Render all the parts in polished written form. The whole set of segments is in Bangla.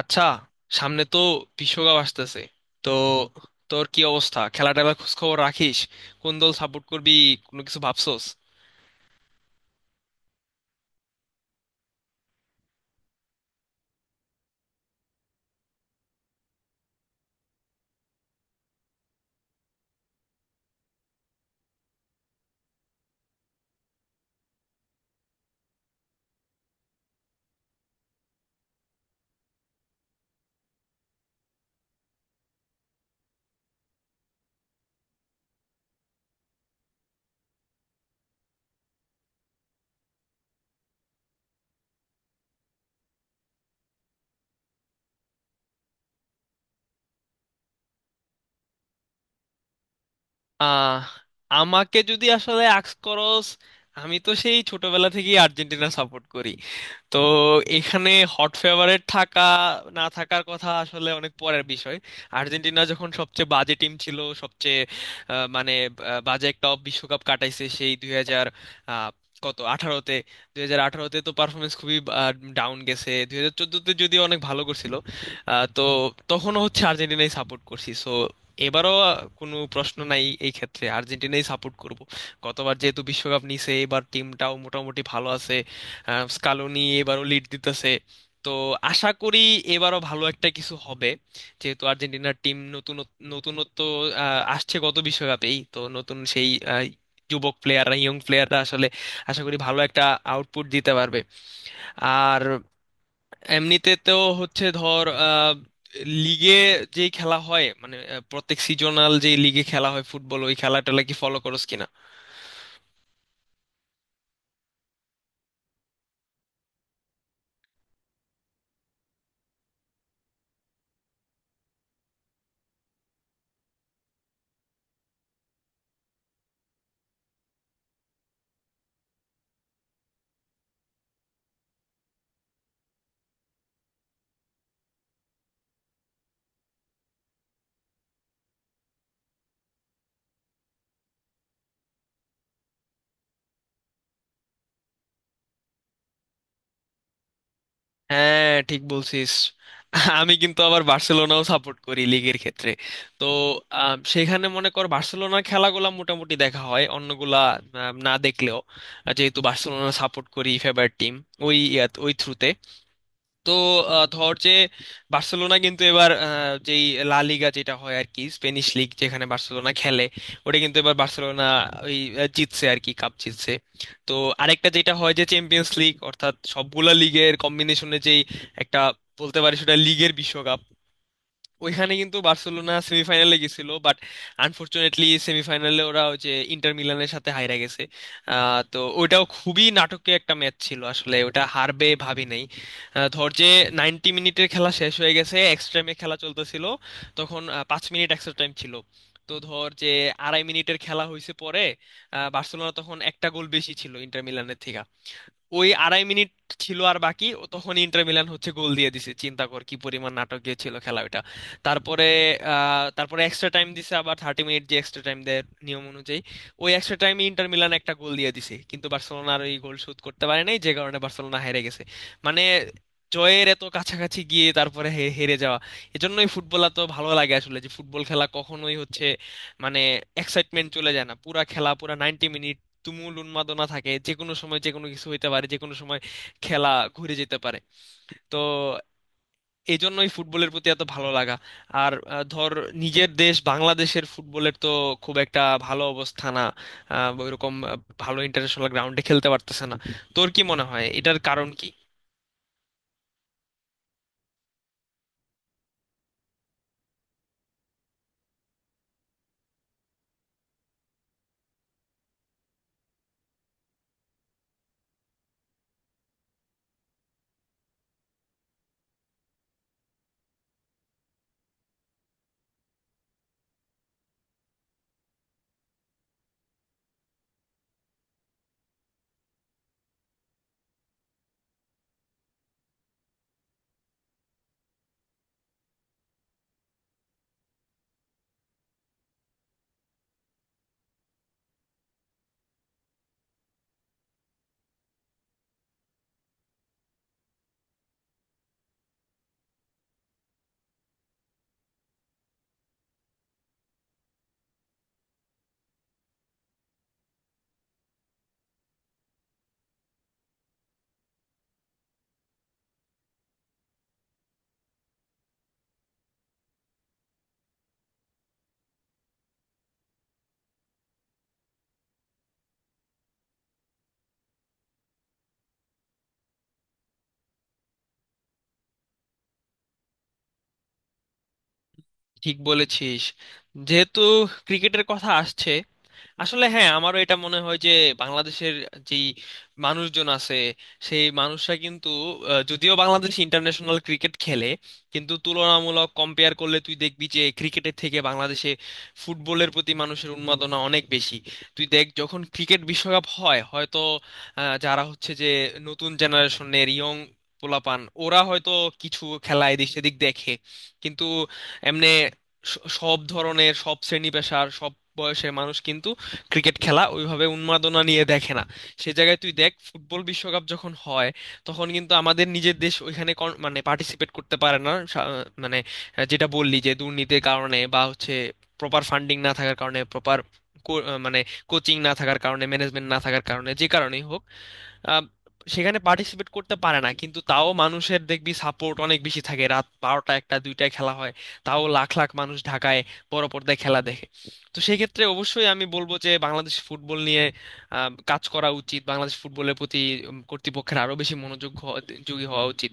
আচ্ছা, সামনে তো বিশ্বকাপ আসতেছে। তো তোর কি অবস্থা? খেলা টেলার খোঁজ খবর রাখিস? কোন দল সাপোর্ট করবি? কোনো কিছু ভাবছোস? আহ আমাকে যদি আসলে আক্স করস, আমি তো সেই ছোটবেলা থেকেই আর্জেন্টিনা সাপোর্ট করি। তো এখানে হট ফেভারিট থাকা না থাকার কথা আসলে অনেক পরের বিষয়। আর্জেন্টিনা যখন সবচেয়ে বাজে টিম ছিল, সবচেয়ে মানে বাজে একটা বিশ্বকাপ কাটাইছে সেই দুই হাজার আহ, কত আঠারোতে, 2018তে তো পারফরমেন্স খুবই ডাউন গেছে, 2014তে যদিও অনেক ভালো করছিল। তো তখনও হচ্ছে আর্জেন্টিনাই সাপোর্ট করছি। সো এবারও কোনো প্রশ্ন নাই এই ক্ষেত্রে, আর্জেন্টিনাই সাপোর্ট করব। গতবার যেহেতু বিশ্বকাপ নিছে, এবার টিমটাও মোটামুটি ভালো আছে। স্কালোনি এবারও লিড দিতেছে। তো আশা করি এবারও ভালো একটা কিছু হবে। যেহেতু আর্জেন্টিনার টিম নতুন, নতুনত্ব আসছে গত বিশ্বকাপেই, তো নতুন সেই যুবক প্লেয়াররা, ইয়ং প্লেয়াররা আসলে আশা করি ভালো একটা আউটপুট দিতে পারবে। আর এমনিতে তো হচ্ছে ধর লিগে যে খেলা হয় মানে প্রত্যেক সিজনাল যে লিগে খেলা হয় ফুটবল, ওই খেলাটা কি ফলো করোস কিনা? হ্যাঁ, ঠিক বলছিস। আমি কিন্তু আবার বার্সেলোনাও সাপোর্ট করি লিগের ক্ষেত্রে। তো সেখানে মনে কর বার্সেলোনার খেলাগুলা মোটামুটি দেখা হয়, অন্যগুলা না দেখলেও যেহেতু বার্সেলোনা সাপোর্ট করি ফেভারিট টিম, ওই ওই থ্রুতে। তো ধর যে বার্সেলোনা কিন্তু এবার যেই লা লিগা যেটা হয় আর কি, স্পেনিশ লিগ যেখানে বার্সেলোনা খেলে, ওটা কিন্তু এবার বার্সেলোনা ওই জিতছে আর কি, কাপ জিতছে। তো আরেকটা যেটা হয় যে চ্যাম্পিয়ন্স লিগ, অর্থাৎ সবগুলা লিগের কম্বিনেশনে যেই একটা বলতে পারি সেটা লিগের বিশ্বকাপ। ওইখানে কিন্তু বার্সেলোনা সেমিফাইনালে গেছিল বাট আনফরচুনেটলি সেমিফাইনালে ওরা ওই যে ইন্টার মিলানের সাথে হাইরা গেছে। তো ওইটাও খুবই নাটকীয় একটা ম্যাচ ছিল আসলে, ওটা হারবে ভাবি নাই। ধর যে 90 মিনিটের খেলা শেষ হয়ে গেছে, এক্সট্রা টাইমে খেলা চলতেছিল। তখন 5 মিনিট এক্সট্রা টাইম ছিল। তো ধর যে 2.5 মিনিটের খেলা হয়েছে পরে, বার্সেলোনা তখন একটা গোল বেশি ছিল ইন্টার মিলানের থেকে। ওই 2.5 মিনিট ছিল আর বাকি, ও তখন ইন্টার মিলান হচ্ছে গোল দিয়ে দিছে। চিন্তা কর কি পরিমাণ নাটকীয় ছিল খেলা ওটা। তারপরে তারপরে এক্সট্রা টাইম দিছে আবার 30 মিনিট, যে এক্সট্রা টাইম দেয় নিয়ম অনুযায়ী। ওই এক্সট্রা টাইমে ইন্টার মিলান একটা গোল দিয়ে দিছে কিন্তু বার্সেলোনার ওই গোল শোধ করতে পারে নাই, যে কারণে বার্সেলোনা হেরে গেছে। মানে জয়ের এত কাছাকাছি গিয়ে তারপরে হেরে যাওয়া। এজন্যই ফুটবল এত ভালো লাগে আসলে, যে ফুটবল খেলা কখনোই হচ্ছে মানে এক্সাইটমেন্ট চলে যায় না পুরা খেলা পুরা 90 মিনিট। তুমুল উন্মাদনা থাকে, যে কোনো সময় যে কোনো কিছু হইতে পারে, যে কোনো সময় খেলা ঘুরে যেতে পারে। তো এই জন্যই ফুটবলের প্রতি এত ভালো লাগা। আর ধর নিজের দেশ বাংলাদেশের ফুটবলের তো খুব একটা ভালো অবস্থা না। ওইরকম ভালো ইন্টারন্যাশনাল গ্রাউন্ডে খেলতে পারতেছে না। তোর কি মনে হয় এটার কারণ কি? ঠিক বলেছিস। যেহেতু ক্রিকেটের কথা আসছে, আসলে হ্যাঁ আমারও এটা মনে হয় যে বাংলাদেশের যেই মানুষজন আছে সেই মানুষরা কিন্তু যদিও বাংলাদেশ ইন্টারন্যাশনাল ক্রিকেট খেলে কিন্তু তুলনামূলক কম্পেয়ার করলে তুই দেখবি যে ক্রিকেটের থেকে বাংলাদেশে ফুটবলের প্রতি মানুষের উন্মাদনা অনেক বেশি। তুই দেখ যখন ক্রিকেট বিশ্বকাপ হয় হয়তো যারা হচ্ছে যে নতুন জেনারেশনের ইয়ং পোলাপান ওরা হয়তো কিছু খেলা এদিক সেদিক দেখে, কিন্তু এমনি সব ধরনের সব শ্রেণী পেশার সব বয়সের মানুষ কিন্তু ক্রিকেট খেলা ওইভাবে উন্মাদনা নিয়ে দেখে না। সে জায়গায় তুই দেখ ফুটবল বিশ্বকাপ যখন হয় তখন কিন্তু আমাদের নিজের দেশ ওইখানে মানে পার্টিসিপেট করতে পারে না, মানে যেটা বললি যে দুর্নীতির কারণে বা হচ্ছে প্রপার ফান্ডিং না থাকার কারণে প্রপার মানে কোচিং না থাকার কারণে ম্যানেজমেন্ট না থাকার কারণে যে কারণেই হোক আহ, সেখানে পার্টিসিপেট করতে পারে না। কিন্তু তাও মানুষের দেখবি সাপোর্ট অনেক বেশি থাকে, রাত 12টা, 1টা, 2টায় খেলা হয় তাও লাখ লাখ মানুষ ঢাকায় বড় পর্দায় খেলা দেখে। তো সেই ক্ষেত্রে অবশ্যই আমি বলবো যে বাংলাদেশ ফুটবল নিয়ে কাজ করা উচিত, বাংলাদেশ ফুটবলের প্রতি কর্তৃপক্ষের আরো বেশি মনোযোগ যোগী হওয়া উচিত।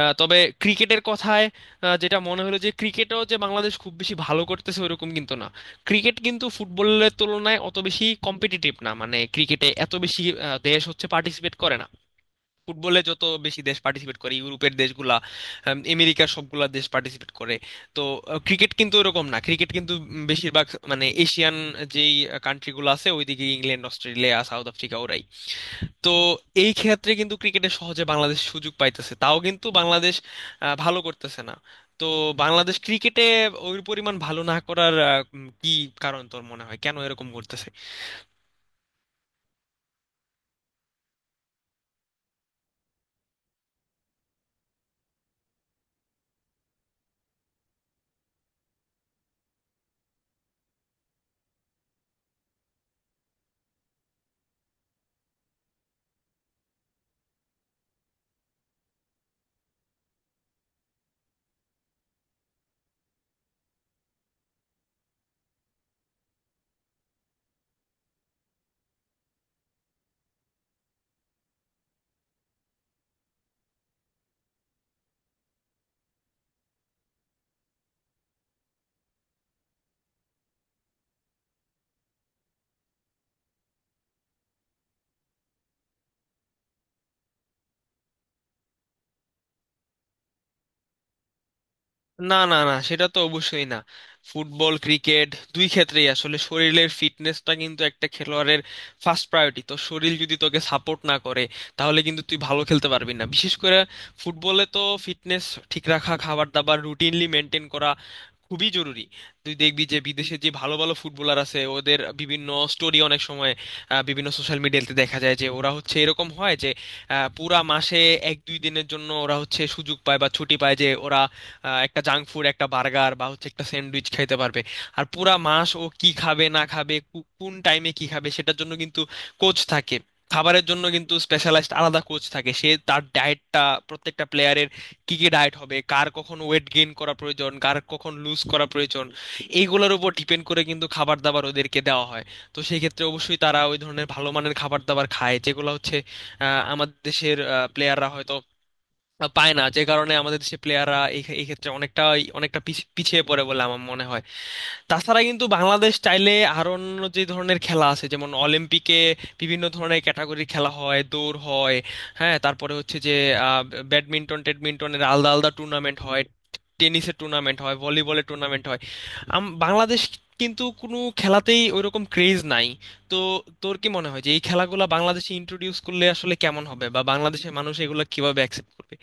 তবে ক্রিকেটের কথায় যেটা মনে হলো যে ক্রিকেটও যে বাংলাদেশ খুব বেশি ভালো করতেছে ওরকম কিন্তু না। ক্রিকেট কিন্তু ফুটবলের তুলনায় অত বেশি কম্পিটিটিভ না, মানে ক্রিকেটে এত বেশি দেশ হচ্ছে পার্টিসিপেট করে না। ফুটবলে যত বেশি দেশ পার্টিসিপেট করে ইউরোপের দেশগুলা, আমেরিকার সবগুলা দেশ পার্টিসিপেট করে। তো ক্রিকেট কিন্তু এরকম না, ক্রিকেট কিন্তু বেশিরভাগ মানে এশিয়ান যেই কান্ট্রিগুলো আছে ওইদিকে ইংল্যান্ড, অস্ট্রেলিয়া, সাউথ আফ্রিকা ওরাই। তো এই ক্ষেত্রে কিন্তু ক্রিকেটে সহজে বাংলাদেশ সুযোগ পাইতেছে তাও কিন্তু বাংলাদেশ ভালো করতেছে না। তো বাংলাদেশ ক্রিকেটে ওই পরিমাণ ভালো না করার কি কারণ তোর মনে হয়, কেন এরকম করতেছে? না, না, না, সেটা তো অবশ্যই না। ফুটবল ক্রিকেট দুই ক্ষেত্রেই আসলে শরীরের ফিটনেসটা কিন্তু একটা খেলোয়াড়ের ফার্স্ট প্রায়োরিটি। তো শরীর যদি তোকে সাপোর্ট না করে তাহলে কিন্তু তুই ভালো খেলতে পারবি না, বিশেষ করে ফুটবলে তো ফিটনেস ঠিক রাখা, খাবার দাবার রুটিনলি মেনটেন করা খুবই জরুরি। তুই দেখবি যে বিদেশে যে ভালো ভালো ফুটবলার আছে ওদের বিভিন্ন স্টোরি অনেক সময় বিভিন্ন সোশ্যাল মিডিয়াতে দেখা যায় যে ওরা হচ্ছে এরকম হয় যে পুরা মাসে 1-2 দিনের জন্য ওরা হচ্ছে সুযোগ পায় বা ছুটি পায় যে ওরা একটা জাঙ্ক ফুড, একটা বার্গার বা হচ্ছে একটা স্যান্ডউইচ খাইতে পারবে। আর পুরা মাস ও কি খাবে না খাবে, কোন টাইমে কি খাবে সেটার জন্য কিন্তু কোচ থাকে। খাবারের জন্য কিন্তু স্পেশালাইজড আলাদা কোচ থাকে, সে তার ডায়েটটা প্রত্যেকটা প্লেয়ারের কি কি ডায়েট হবে, কার কখন ওয়েট গেইন করা প্রয়োজন, কার কখন লুজ করা প্রয়োজন, এইগুলোর উপর ডিপেন্ড করে কিন্তু খাবার দাবার ওদেরকে দেওয়া হয়। তো সেই ক্ষেত্রে অবশ্যই তারা ওই ধরনের ভালো মানের খাবার দাবার খায় যেগুলো হচ্ছে আমাদের দেশের প্লেয়াররা হয়তো পায় না, যে কারণে আমাদের দেশে প্লেয়াররা এই এই ক্ষেত্রে অনেকটা অনেকটা পিছিয়ে পড়ে বলে আমার মনে হয়। তাছাড়া কিন্তু বাংলাদেশ চাইলে আরো অন্য যে ধরনের খেলা আছে যেমন অলিম্পিকে বিভিন্ন ধরনের ক্যাটাগরির খেলা হয়, দৌড় হয়, হ্যাঁ, তারপরে হচ্ছে যে আহ, ব্যাডমিন্টন টেডমিন্টনের আলাদা আলাদা টুর্নামেন্ট হয়, টেনিসের টুর্নামেন্ট হয়, ভলিবলের টুর্নামেন্ট হয়। বাংলাদেশ কিন্তু কোনো খেলাতেই ওইরকম ক্রেজ নাই। তো তোর কি মনে হয় যে এই খেলাগুলো বাংলাদেশে ইন্ট্রোডিউস করলে আসলে কেমন হবে, বা বাংলাদেশের মানুষ এগুলো কিভাবে অ্যাকসেপ্ট করবে?